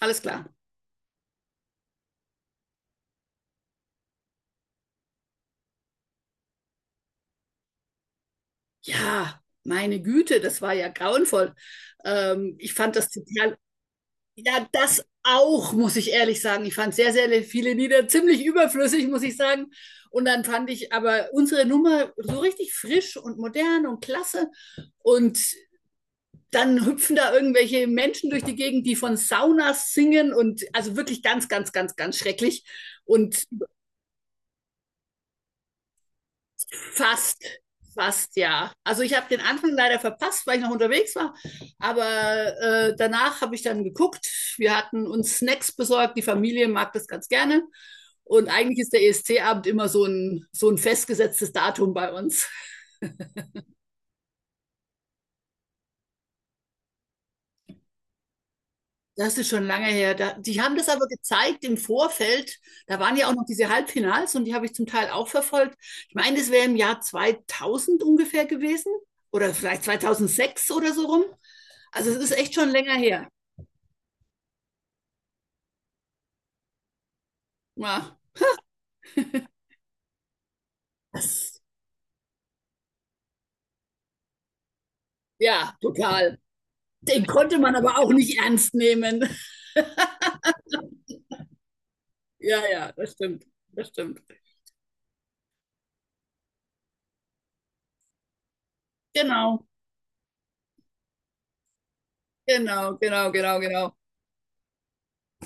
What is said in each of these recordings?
Alles klar. Ja, meine Güte, das war ja grauenvoll. Ich fand das total, ja, das auch, muss ich ehrlich sagen. Ich fand sehr, sehr viele Lieder ziemlich überflüssig, muss ich sagen. Und dann fand ich aber unsere Nummer so richtig frisch und modern und klasse. Und dann hüpfen da irgendwelche Menschen durch die Gegend, die von Saunas singen und also wirklich ganz, ganz, ganz, ganz schrecklich. Und Fast, fast, ja. Also ich habe den Anfang leider verpasst, weil ich noch unterwegs war. Aber danach habe ich dann geguckt. Wir hatten uns Snacks besorgt. Die Familie mag das ganz gerne. Und eigentlich ist der ESC-Abend immer so ein festgesetztes Datum bei uns. Das ist schon lange her. Da, die haben das aber gezeigt im Vorfeld. Da waren ja auch noch diese Halbfinals und die habe ich zum Teil auch verfolgt. Ich meine, das wäre im Jahr 2000 ungefähr gewesen oder vielleicht 2006 oder so rum. Also es ist echt schon länger her. Ja, das, ja, total. Den konnte man aber auch nicht ernst nehmen. Ja, ja, das stimmt. Das stimmt. Genau, genau, genau, genau, genau.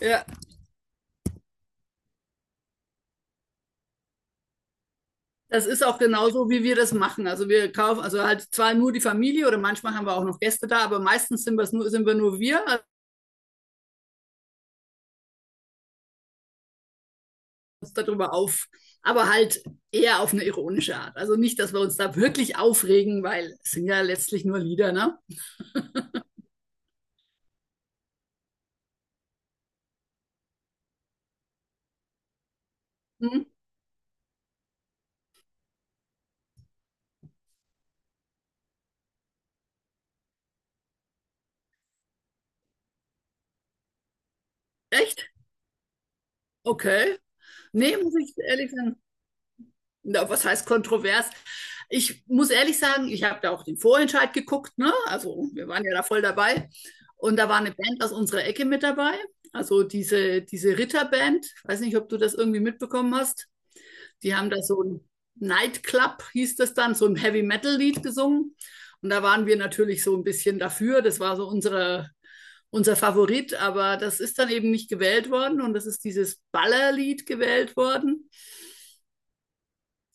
Ja, das ist auch genauso, wie wir das machen. Also wir kaufen, also halt zwar nur die Familie oder manchmal haben wir auch noch Gäste da, aber meistens sind, wir's nur, sind wir nur wir, also uns darüber auf, aber halt eher auf eine ironische Art. Also nicht, dass wir uns da wirklich aufregen, weil es sind ja letztlich nur Lieder, ne? Hm? Echt? Okay. Nee, muss ich ehrlich sagen. Na, was heißt kontrovers? Ich muss ehrlich sagen, ich habe da auch den Vorentscheid geguckt, ne? Also wir waren ja da voll dabei. Und da war eine Band aus unserer Ecke mit dabei. Also diese Ritterband, ich weiß nicht, ob du das irgendwie mitbekommen hast. Die haben da so ein Nightclub, hieß das dann, so ein Heavy Metal-Lied gesungen. Und da waren wir natürlich so ein bisschen dafür. Das war so unser Favorit, aber das ist dann eben nicht gewählt worden und das ist dieses Ballerlied gewählt worden.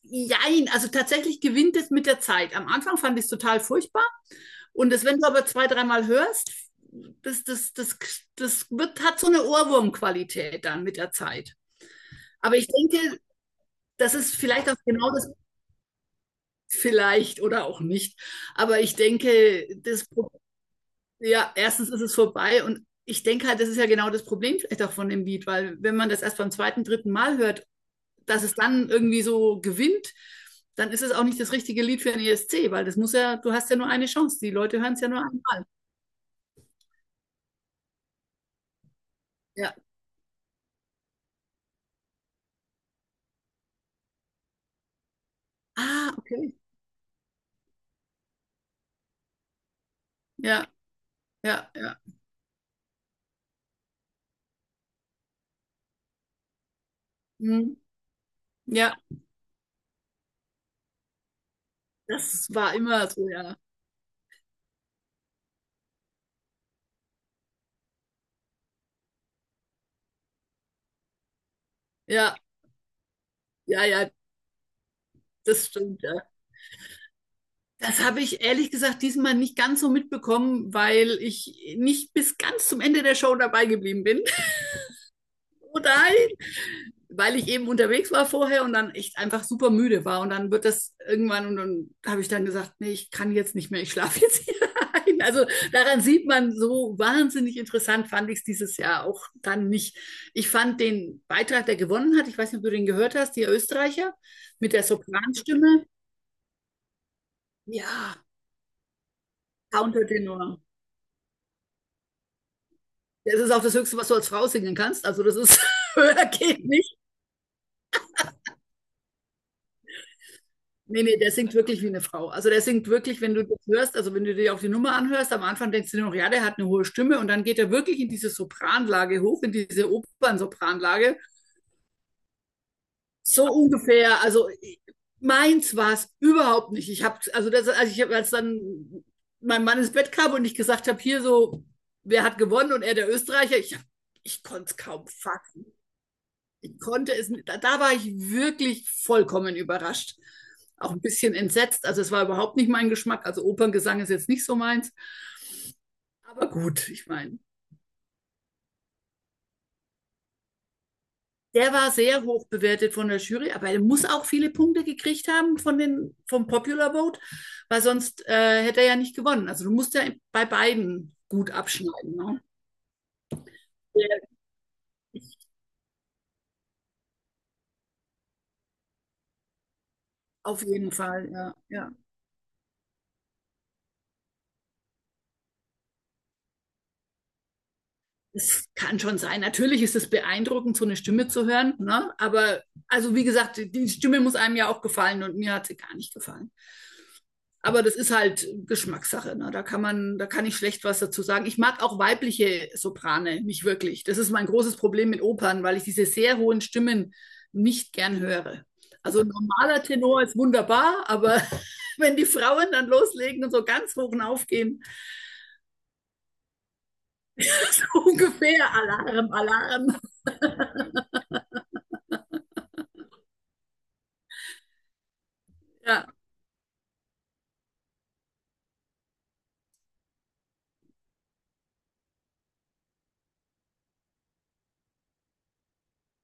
Jein, also tatsächlich gewinnt es mit der Zeit. Am Anfang fand ich es total furchtbar. Und das, wenn du aber zwei, dreimal hörst, das, das, das, hat so eine Ohrwurmqualität dann mit der Zeit. Aber ich denke, das ist vielleicht auch genau das, vielleicht oder auch nicht. Aber ich denke, das, ja, erstens ist es vorbei und ich denke halt, das ist ja genau das Problem vielleicht auch von dem Lied, weil wenn man das erst beim zweiten, dritten Mal hört, dass es dann irgendwie so gewinnt, dann ist es auch nicht das richtige Lied für den ESC, weil das muss ja, du hast ja nur eine Chance. Die Leute hören es ja nur einmal. Ja. Ah, okay. Ja, ja, ja. Hm. Ja, das war immer so, ja. Ja, ja, ja, das stimmt, ja. Das habe ich ehrlich gesagt diesmal nicht ganz so mitbekommen, weil ich nicht bis ganz zum Ende der Show dabei geblieben bin. Oh nein! Weil ich eben unterwegs war vorher und dann echt einfach super müde war. Und dann wird das irgendwann, und dann habe ich dann gesagt, nee, ich kann jetzt nicht mehr, ich schlafe jetzt hier ein. Also daran sieht man, so wahnsinnig interessant fand ich es dieses Jahr auch dann nicht. Ich fand den Beitrag, der gewonnen hat, ich weiß nicht, ob du den gehört hast, die Österreicher mit der Sopranstimme. Ja, Countertenor. Das ist auch das Höchste, was du als Frau singen kannst. Also das ist höher geht nicht. Nee, nee, der singt wirklich wie eine Frau. Also der singt wirklich, wenn du das hörst, also wenn du dir auch die Nummer anhörst, am Anfang denkst du dir noch, ja, der hat eine hohe Stimme und dann geht er wirklich in diese Sopranlage hoch, in diese Opernsopranlage. So ungefähr, also meins war es überhaupt nicht. Ich habe, also das, als dann mein Mann ins Bett kam und ich gesagt habe, hier so, wer hat gewonnen und er der Österreicher, ich konnte es kaum fassen, ich konnte es, da war ich wirklich vollkommen überrascht. Auch ein bisschen entsetzt. Also es war überhaupt nicht mein Geschmack. Also Operngesang ist jetzt nicht so meins. Aber gut, ich meine, der war sehr hoch bewertet von der Jury, aber er muss auch viele Punkte gekriegt haben von den, vom Popular Vote, weil sonst hätte er ja nicht gewonnen. Also du musst ja bei beiden gut abschneiden. Ne? Auf jeden Fall, ja. Ja. Es kann schon sein. Natürlich ist es beeindruckend, so eine Stimme zu hören. Ne? Aber also wie gesagt, die Stimme muss einem ja auch gefallen und mir hat sie gar nicht gefallen. Aber das ist halt Geschmackssache. Ne? Da kann man, da kann ich schlecht was dazu sagen. Ich mag auch weibliche Soprane nicht wirklich. Das ist mein großes Problem mit Opern, weil ich diese sehr hohen Stimmen nicht gern höre. Also ein normaler Tenor ist wunderbar, aber wenn die Frauen dann loslegen und so ganz hoch aufgehen, ungefähr Alarm, Alarm. Ja.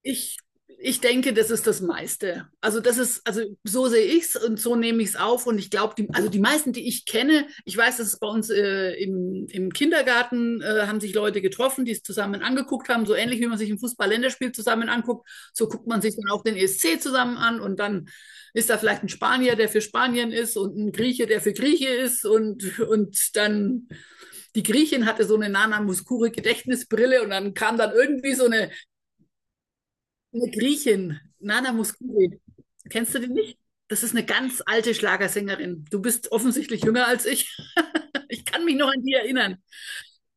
Ich, ich denke, das ist das meiste. Also das ist, also so sehe ich es und so nehme ich es auf. Und ich glaube, die, also die meisten, die ich kenne, ich weiß, dass es bei uns im Kindergarten haben sich Leute getroffen, die es zusammen angeguckt haben, so ähnlich wie man sich ein Fußball-Länderspiel zusammen anguckt. So guckt man sich dann auch den ESC zusammen an und dann ist da vielleicht ein Spanier, der für Spanien ist und ein Grieche, der für Grieche ist und dann die Griechin hatte so eine Nana Mouskouri Gedächtnisbrille und dann kam dann irgendwie so eine Griechin, Nana Mouskouri. Kennst du die nicht? Das ist eine ganz alte Schlagersängerin. Du bist offensichtlich jünger als ich. Ich kann mich noch an die erinnern.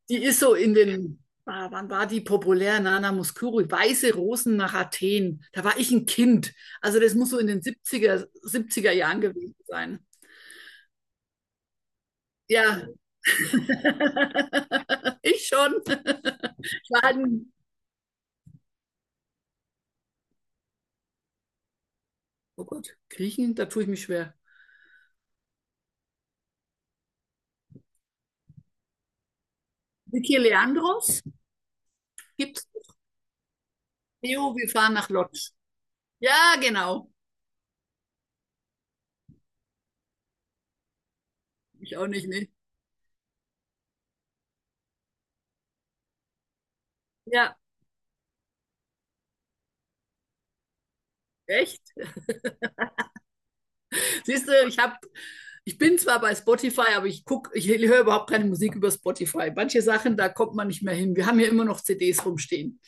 Die ist so in den, ah, wann war die populär? Nana Mouskouri, Weiße Rosen nach Athen. Da war ich ein Kind. Also das muss so in den 70er, 70er Jahren gewesen sein. Ja, ich schon. Ich halt Oh Gott, Griechen, da tue ich mich schwer. Vicky Leandros, gibt Jo, wir fahren nach Lodz. Ja, genau. Ich auch nicht, ne? Ja, echt? Siehst du, ich bin zwar bei Spotify, aber ich guck, ich höre überhaupt keine Musik über Spotify. Manche Sachen, da kommt man nicht mehr hin. Wir haben hier immer noch CDs rumstehen.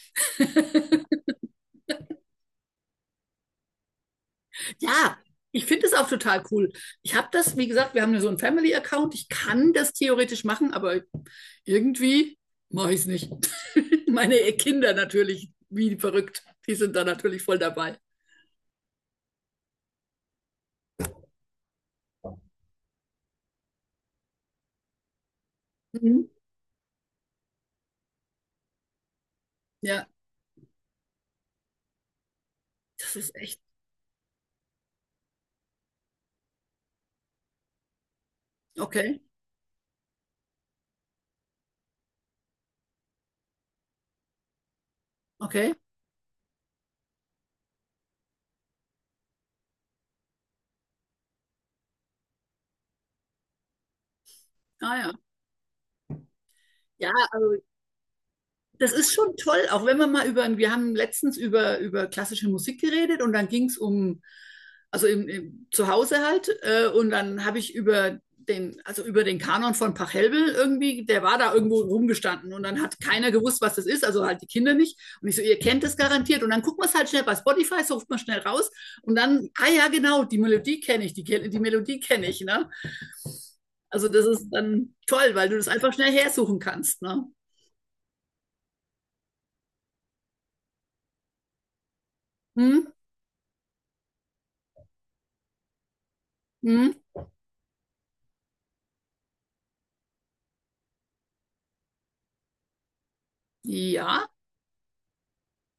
Ja, ich finde es auch total cool. Ich habe das, wie gesagt, wir haben ja so einen Family-Account. Ich kann das theoretisch machen, aber irgendwie mache ich es nicht. Meine Kinder natürlich, wie verrückt. Die sind da natürlich voll dabei. Mhm. Ja, das ist echt okay. Okay. Ah ja. Ja, also das ist schon toll, auch wenn wir mal über, wir haben letztens über klassische Musik geredet und dann ging es um, zu Hause halt, und dann habe ich über den, also über den Kanon von Pachelbel irgendwie, der war da irgendwo rumgestanden und dann hat keiner gewusst, was das ist, also halt die Kinder nicht. Und ich so, ihr kennt das garantiert. Und dann guckt man es halt schnell bei Spotify, sucht man schnell raus und dann, ah ja, genau, die Melodie kenne ich, die Melodie kenne ich, ne? Also das ist dann toll, weil du das einfach schnell hersuchen kannst, ne? Hm? Hm? Ja,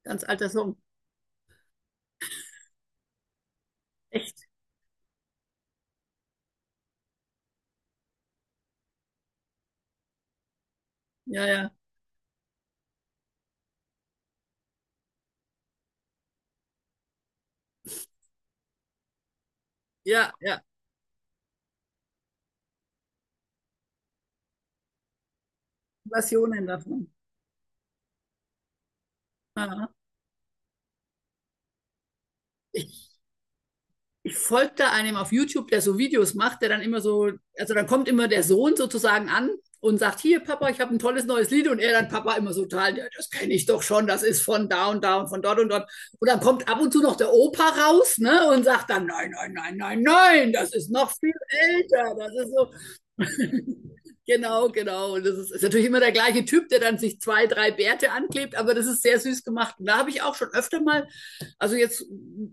ganz alter Song. Echt. Ja, ja. Ja, ja. Versionen davon. Aha. Ich, ich folge einem auf YouTube, der so Videos macht, der dann immer so, also dann kommt immer der Sohn sozusagen an und sagt, hier Papa, ich habe ein tolles neues Lied und er dann Papa immer so total, ja, das kenne ich doch schon, das ist von da und da und von dort und dort. Und dann kommt ab und zu noch der Opa raus ne, und sagt dann, nein, nein, nein, nein, nein, das ist noch viel älter. Das ist so, genau, genau. Und das ist, ist natürlich immer der gleiche Typ, der dann sich zwei, drei Bärte anklebt, aber das ist sehr süß gemacht. Und da habe ich auch schon öfter mal, also jetzt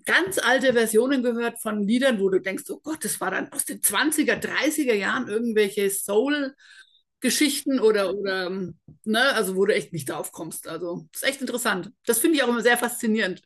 ganz alte Versionen gehört von Liedern, wo du denkst, oh Gott, das war dann aus den Zwanziger, Dreißiger Jahren irgendwelche Soul-Geschichten oder, ne, also wo du echt nicht drauf kommst. Also, das ist echt interessant. Das finde ich auch immer sehr faszinierend.